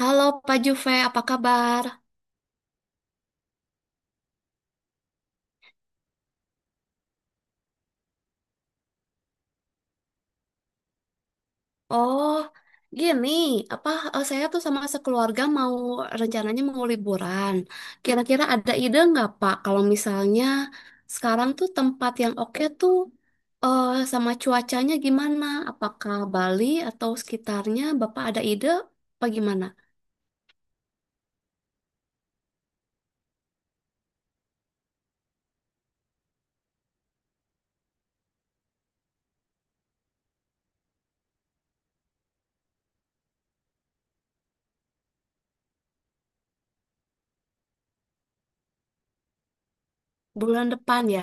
Halo Pak Juve, apa kabar? Oh, gini, apa saya tuh sama sekeluarga mau rencananya mau liburan. Kira-kira ada ide nggak Pak kalau misalnya sekarang tuh tempat yang oke tuh eh, sama cuacanya gimana? Apakah Bali atau sekitarnya? Bapak ada ide apa gimana? Bulan depan ya.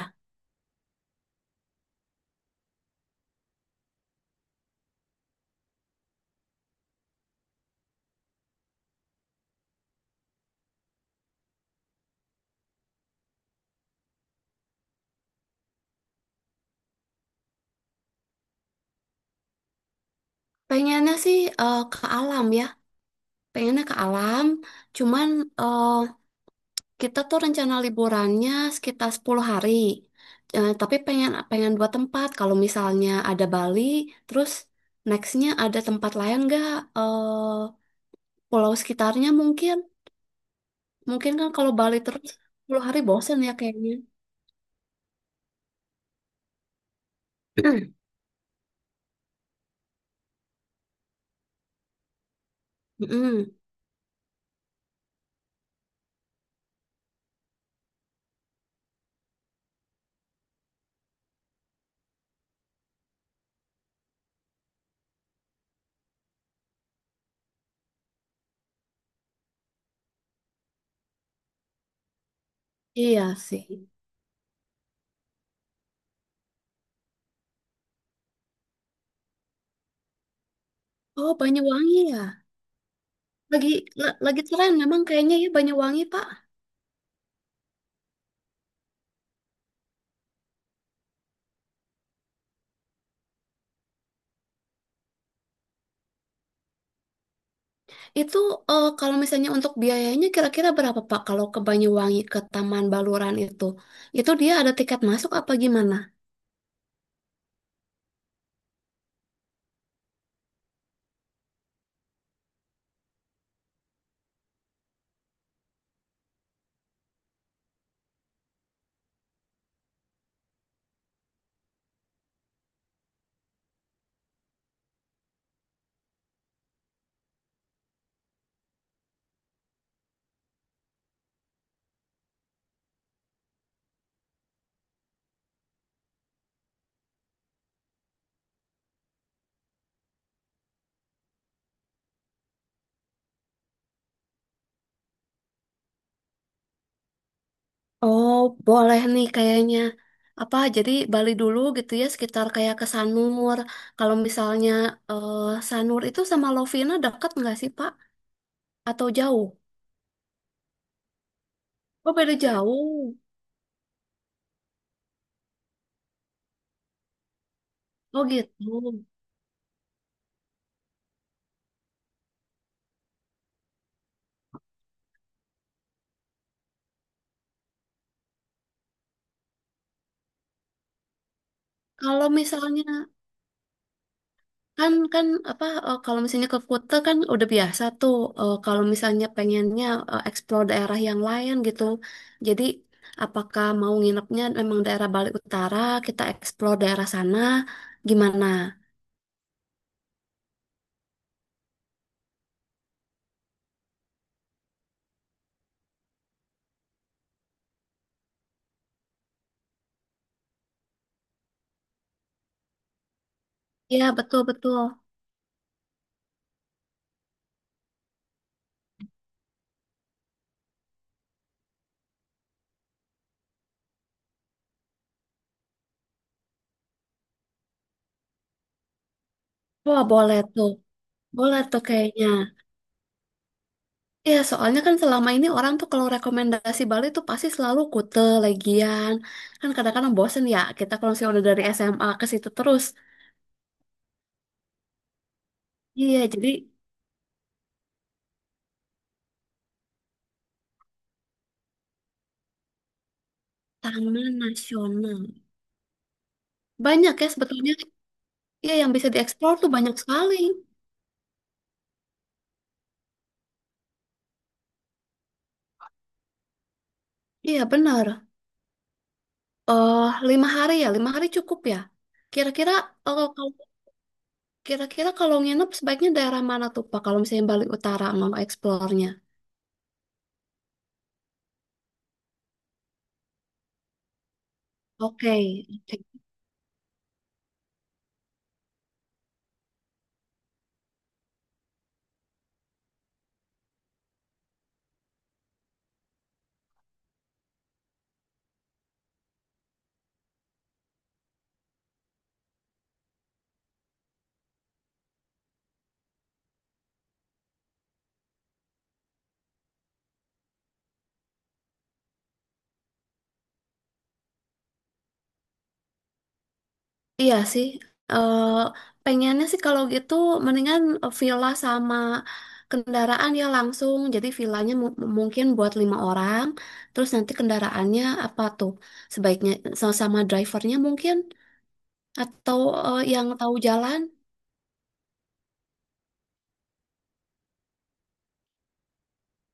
Pengennya sih ke alam ya. Pengennya ke alam, cuman eh, kita tuh rencana liburannya sekitar 10 hari. Tapi pengen pengen dua tempat. Kalau misalnya ada Bali, terus nextnya ada tempat lain nggak? Eh, Pulau sekitarnya mungkin. Mungkin kan kalau Bali terus 10 hari bosen ya kayaknya. Mm-mm. Iya sih. Oh, Banyuwangi ya. Lagi lagi tren memang kayaknya ya Banyuwangi, Pak. Itu kalau misalnya untuk biayanya kira-kira berapa Pak? Kalau ke Banyuwangi ke Taman Baluran itu dia ada tiket masuk apa gimana? Oh, boleh nih kayaknya. Apa jadi Bali dulu gitu ya sekitar kayak ke Sanur. Kalau misalnya eh, Sanur itu sama Lovina dekat nggak sih Pak? Atau jauh? Oh beda jauh. Oh gitu. Kalau misalnya Kan kan apa kalau misalnya ke Kuta kan udah biasa tuh kalau misalnya pengennya explore daerah yang lain gitu. Jadi apakah mau nginepnya memang daerah Bali Utara, kita explore daerah sana gimana? Iya, betul betul. Wah, boleh tuh. Boleh tuh kayaknya. Iya, soalnya kan selama ini orang tuh kalau rekomendasi Bali tuh pasti selalu Kuta, Legian. Kan kadang-kadang bosen ya kita kalau misalnya udah dari SMA ke situ terus. Iya, jadi Taman Nasional. Banyak ya sebetulnya. Iya, yang bisa dieksplor tuh banyak sekali. Iya, benar. eh Lima hari ya, lima hari cukup ya. Kira-kira eh, kalau kira-kira kalau nginep sebaiknya daerah mana tuh Pak? Kalau misalnya Bali Utara mau eksplornya. Oke, oke. Iya sih. eh Pengennya sih kalau gitu mendingan villa sama kendaraan ya langsung. Jadi villanya mungkin buat lima orang. Terus nanti kendaraannya apa tuh? Sebaiknya sama drivernya mungkin. Atau yang tahu jalan?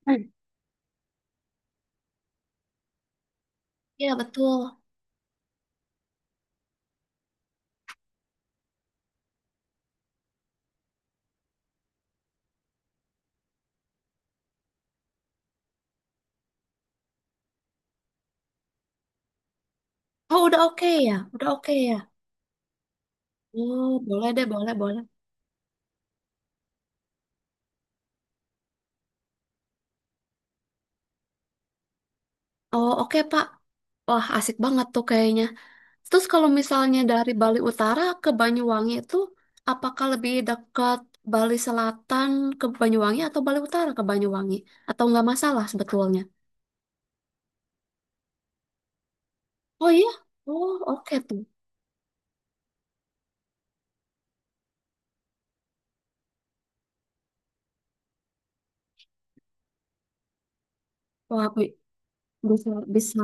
Hmm. Iya, betul. Oh, udah oke ya? Udah oke ya? Oh, boleh deh, boleh, boleh. Oh, oke, Pak. Wah, asik banget tuh kayaknya. Terus kalau misalnya dari Bali Utara ke Banyuwangi itu, apakah lebih dekat Bali Selatan ke Banyuwangi atau Bali Utara ke Banyuwangi? Atau nggak masalah sebetulnya? Oh iya? Oh, oke tuh. Wah, bisa, bisa.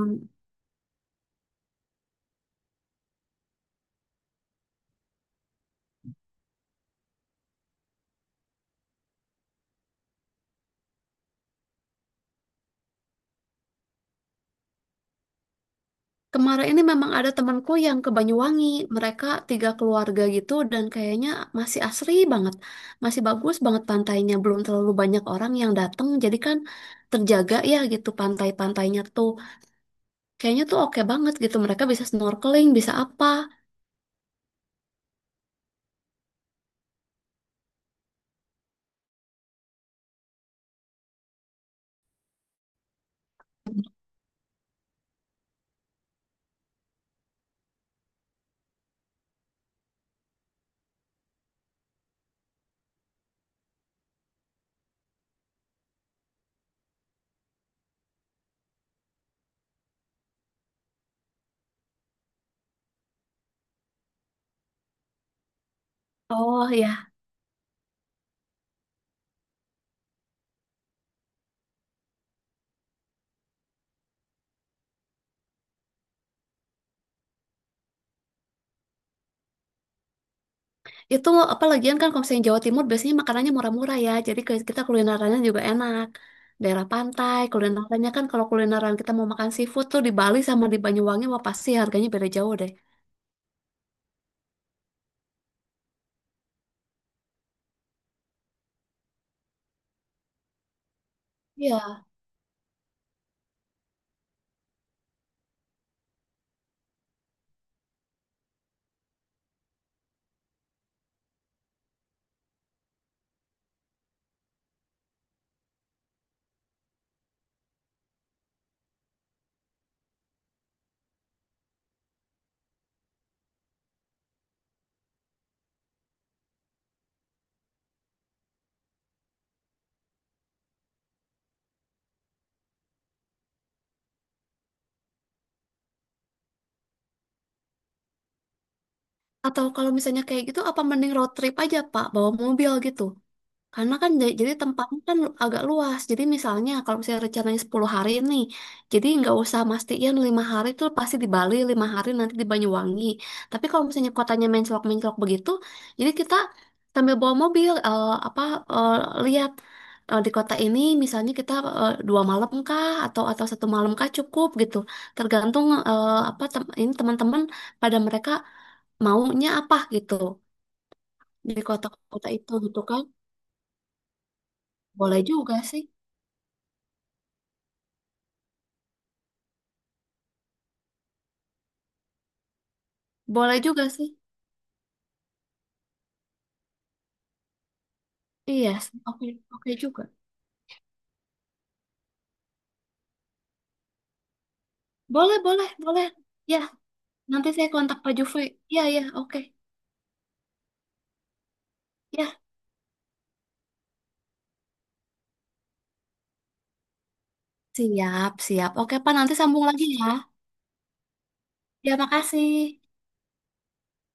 Kemarin ini memang ada temanku yang ke Banyuwangi. Mereka tiga keluarga gitu dan kayaknya masih asri banget. Masih bagus banget pantainya. Belum terlalu banyak orang yang datang. Jadi kan terjaga ya gitu pantai-pantainya tuh. Kayaknya tuh oke banget gitu. Mereka bisa snorkeling, bisa apa. Oh ya, itu apa lagian kan kalau misalnya Jawa Timur biasanya makanannya murah-murah ya. Jadi kita kulinerannya juga enak. Daerah pantai, kulinerannya kan kalau kulineran kita mau makan seafood tuh di Bali sama di Banyuwangi wah pasti harganya beda jauh deh. Iya. Atau kalau misalnya kayak gitu, apa mending road trip aja, Pak? Bawa mobil gitu. Karena kan jadi tempatnya kan agak luas. Jadi misalnya kalau misalnya rencananya 10 hari nih, jadi nggak usah mastiin lima hari itu pasti di Bali, lima hari nanti di Banyuwangi. Tapi kalau misalnya kotanya mencolok-mencolok begitu, jadi kita sambil bawa mobil apa eh, lihat di kota ini misalnya kita dua malam kah atau satu malam kah cukup gitu. Tergantung apa ini teman-teman pada mereka maunya apa gitu di kota-kota itu gitu kan. Boleh juga sih. Boleh juga sih. Iya, sih. Oke, oke juga. Boleh, boleh, boleh. Ya, nanti saya kontak Pak Jufri. Iya, iya, oke. Ya, siap, siap. Oke, Pak, nanti sambung lagi ya. Ya, makasih.